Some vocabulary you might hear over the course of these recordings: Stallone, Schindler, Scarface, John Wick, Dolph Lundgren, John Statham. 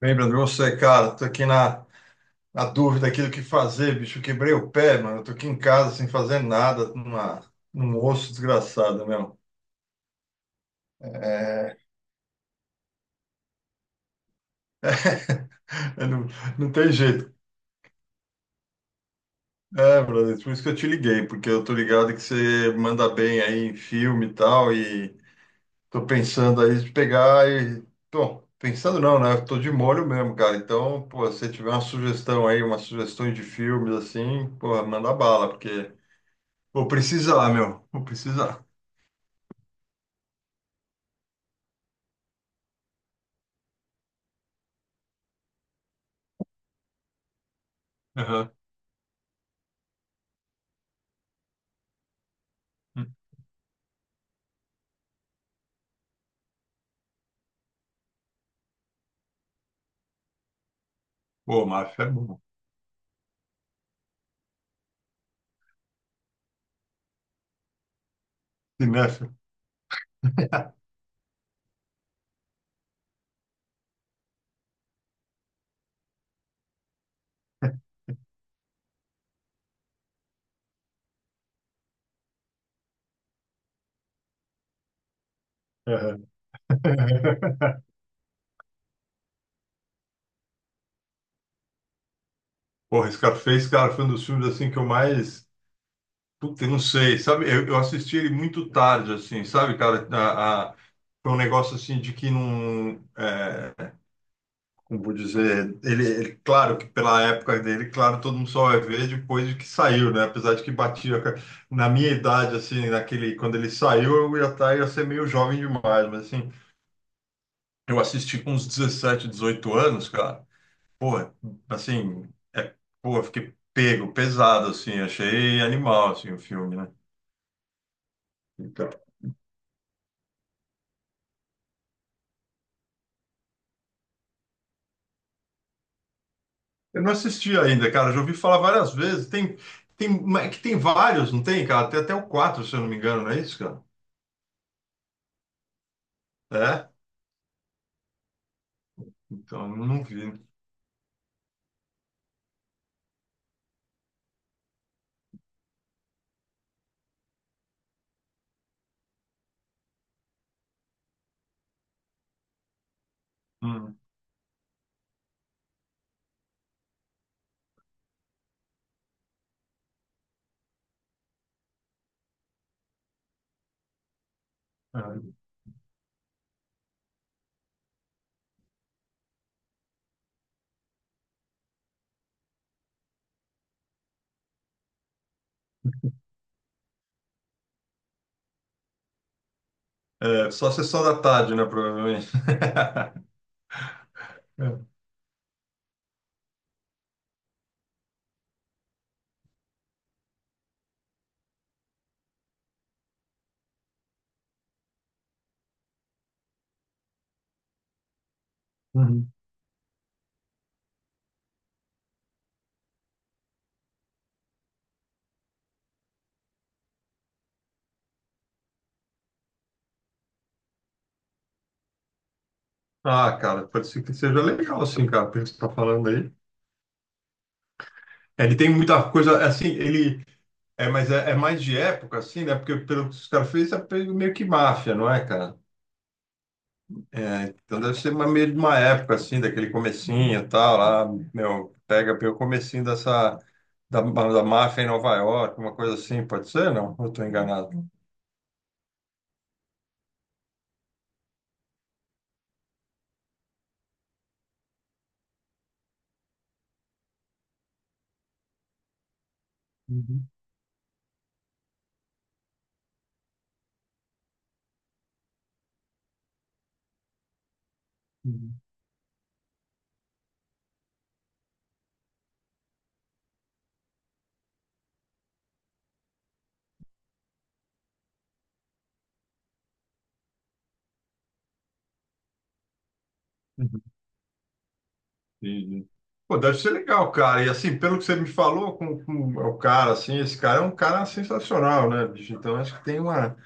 Bem, Bruno, você, cara, tô aqui na dúvida aqui do que fazer, bicho. Eu quebrei o pé, mano. Eu tô aqui em casa sem fazer nada, num osso desgraçado, mesmo. É... eu não, não tem jeito. É, brother, por isso que eu te liguei, porque eu tô ligado que você manda bem aí em filme e tal, e tô pensando aí de pegar e. Bom, pensando não, né? Eu tô de molho mesmo, cara. Então, pô, se tiver uma sugestão aí, umas sugestões de filmes assim, pô, manda bala, porque. Vou precisar, meu. Vou precisar. Aham. Pô, máfia é bom. Cinéfilo. Aham. Porra, Scarface, cara, foi um dos filmes assim que eu mais. Puta, eu não sei, sabe? Eu assisti ele muito tarde, assim, sabe, cara? Foi um negócio assim de que não. é, Como vou dizer? Claro que pela época dele, claro, todo mundo só vai ver depois de que saiu, né? Apesar de que batia. Na minha idade, assim, naquele, quando ele saiu, eu ia estar, ia ser meio jovem demais, mas assim. Eu assisti com uns 17, 18 anos, cara. Pô, assim, é, pô, eu fiquei pego, pesado, assim, achei animal, assim, o filme, né? Então, eu não assisti ainda, cara, já ouvi falar várias vezes. Tem, é que tem vários, não tem, cara? Tem até o 4, se eu não me engano, não é isso, cara? É? Então, eu não vi. Hum, é. É, só sessão da tarde, né, provavelmente. É. Uhum. Ah, cara, pode ser que seja legal, assim, cara, pelo que você tá falando aí. É, ele tem muita coisa, assim, ele é, mas é, é mais de época, assim, né? Porque pelo que os caras fez, é meio que máfia, não é, cara? É, então deve ser uma, meio de uma época, assim, daquele comecinho e tal, lá, meu, pega pelo comecinho dessa, da máfia em Nova York, uma coisa assim, pode ser? Não? Eu tô enganado. Uhum, uhum, uhum. Entendi. Pô, deve ser legal, cara. E assim, pelo que você me falou com o cara, assim, esse cara é um cara sensacional, né, bicho? Então acho que tem uma,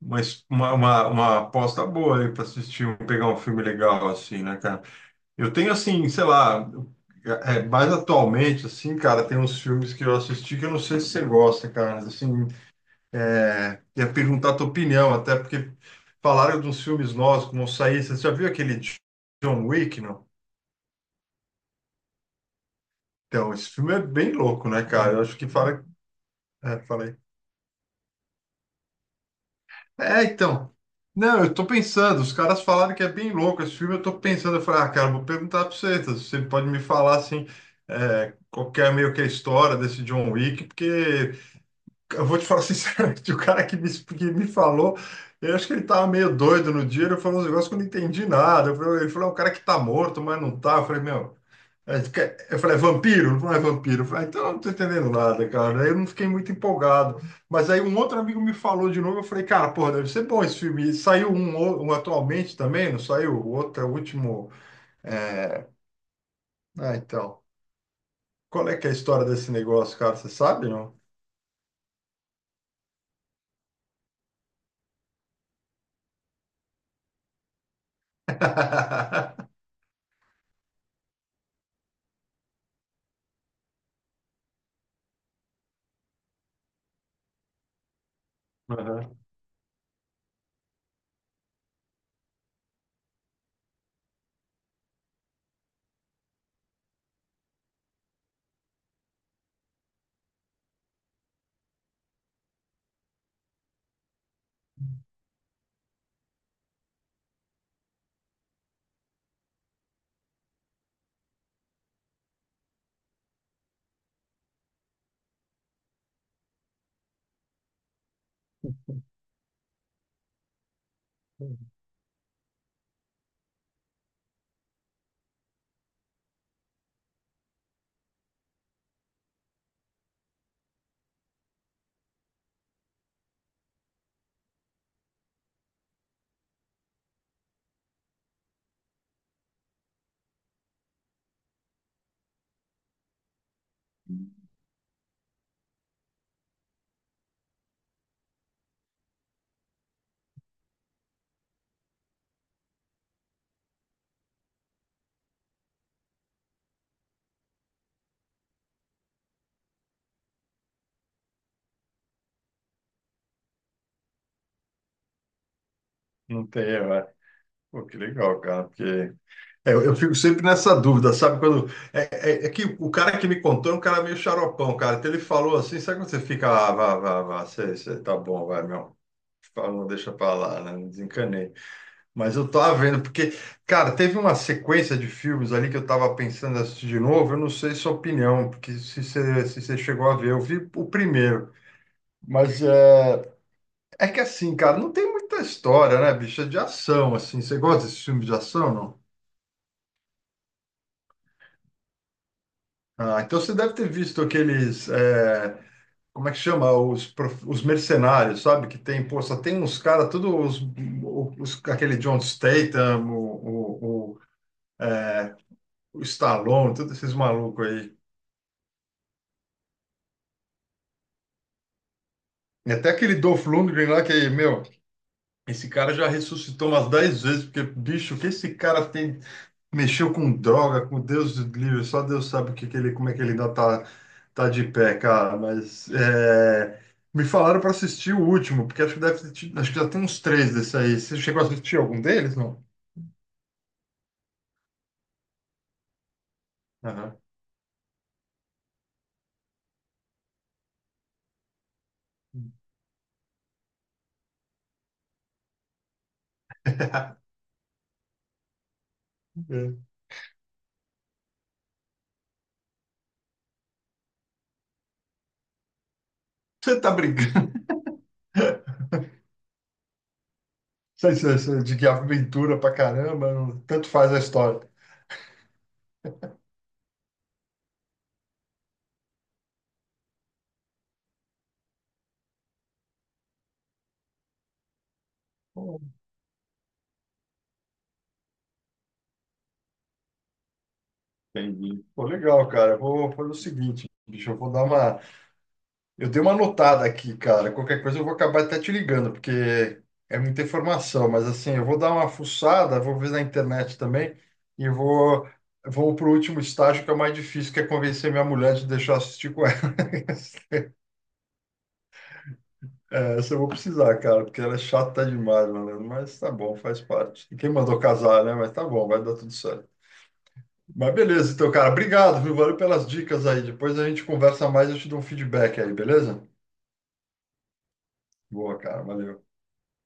mas uma aposta boa aí para assistir, um- pegar um filme legal assim, né, cara? Eu tenho assim, sei lá, mais atualmente, assim, cara, tem uns filmes que eu assisti que eu não sei se você gosta, cara. Assim, é, ia perguntar a tua opinião, até porque falaram dos filmes novos que vão sair. Você já viu aquele John Wick, não? Então, esse filme é bem louco, né, cara? Eu acho que fala. É, falei. É, então. Não, eu tô pensando, os caras falaram que é bem louco esse filme, eu tô pensando, eu falei, ah, cara, vou perguntar pra você, tá? Você pode me falar, assim, é, qual que é meio que a história desse John Wick, porque eu vou te falar sinceramente, o cara que me falou, eu acho que ele tava meio doido no dia, ele falou uns negócios que eu não entendi nada, eu falei, ele falou, é um cara que tá morto, mas não tá, eu falei, meu, aí ele quer- Eu falei, é vampiro? Não é vampiro. Eu falei, ah, então eu não tô entendendo nada, cara. Aí eu não fiquei muito empolgado. Mas aí um outro amigo me falou de novo. Eu falei, cara, pô, deve ser bom esse filme. E saiu um, o- um atualmente também, não saiu? O outro é o último. É, Ah, então. Qual é que é a história desse negócio, cara? Você sabe, não? Aham. Não tem, é. Pô, que legal, cara, porque é, eu fico sempre nessa dúvida, sabe? Quando é, é que o cara que me contou é um cara meio xaropão, cara. Então ele falou assim, sabe quando você fica, ah, vá, vá, vá, sei, sei, tá bom, vai, meu. Fala, não deixa pra lá, né? Não desencanei. Mas eu tava vendo, porque, cara, teve uma sequência de filmes ali que eu tava pensando em assistir de novo. Eu não sei sua opinião, porque se você chegou a ver, eu vi o primeiro. Mas é, é que assim, cara, não tem muita história, né, bicho? É de ação, assim. Você gosta desse filme de ação, não? Ah, então você deve ter visto aqueles, é, como é que chama? Os, prof- os mercenários, sabe? Que tem, pô, só tem uns caras, todos os- aquele John Statham, o Stallone, todos esses malucos aí. E até aquele Dolph Lundgren lá que, meu, esse cara já ressuscitou umas 10 vezes, porque, bicho, o que esse cara tem mexeu com droga, com Deus livre, só Deus sabe o que que ele, como é que ele ainda tá, tá de pé, cara. Mas é, me falaram para assistir o último, porque acho que deve ter tido, acho que já tem uns três desse aí. Você chegou a assistir algum deles, não? Aham. É. Você tá brincando? Sei, sei, sei, de que aventura pra caramba, não- tanto faz a história. Pô, entendi. Pô, legal, cara. Eu vou fazer o seguinte, bicho, eu vou dar uma eu dei uma anotada aqui, cara. Qualquer coisa eu vou acabar até te ligando, porque é muita informação. Mas assim, eu vou dar uma fuçada, vou ver na internet também e vou, vou para o último estágio, que é o mais difícil, que é convencer minha mulher de deixar eu assistir com ela. É, essa eu vou precisar, cara, porque ela é chata demais, mano. Mas tá bom, faz parte. E quem mandou casar, né? Mas tá bom, vai dar tudo certo. Mas beleza, então, cara, obrigado, viu? Valeu pelas dicas aí. Depois a gente conversa mais, eu te dou um feedback aí, beleza? Boa, cara, valeu.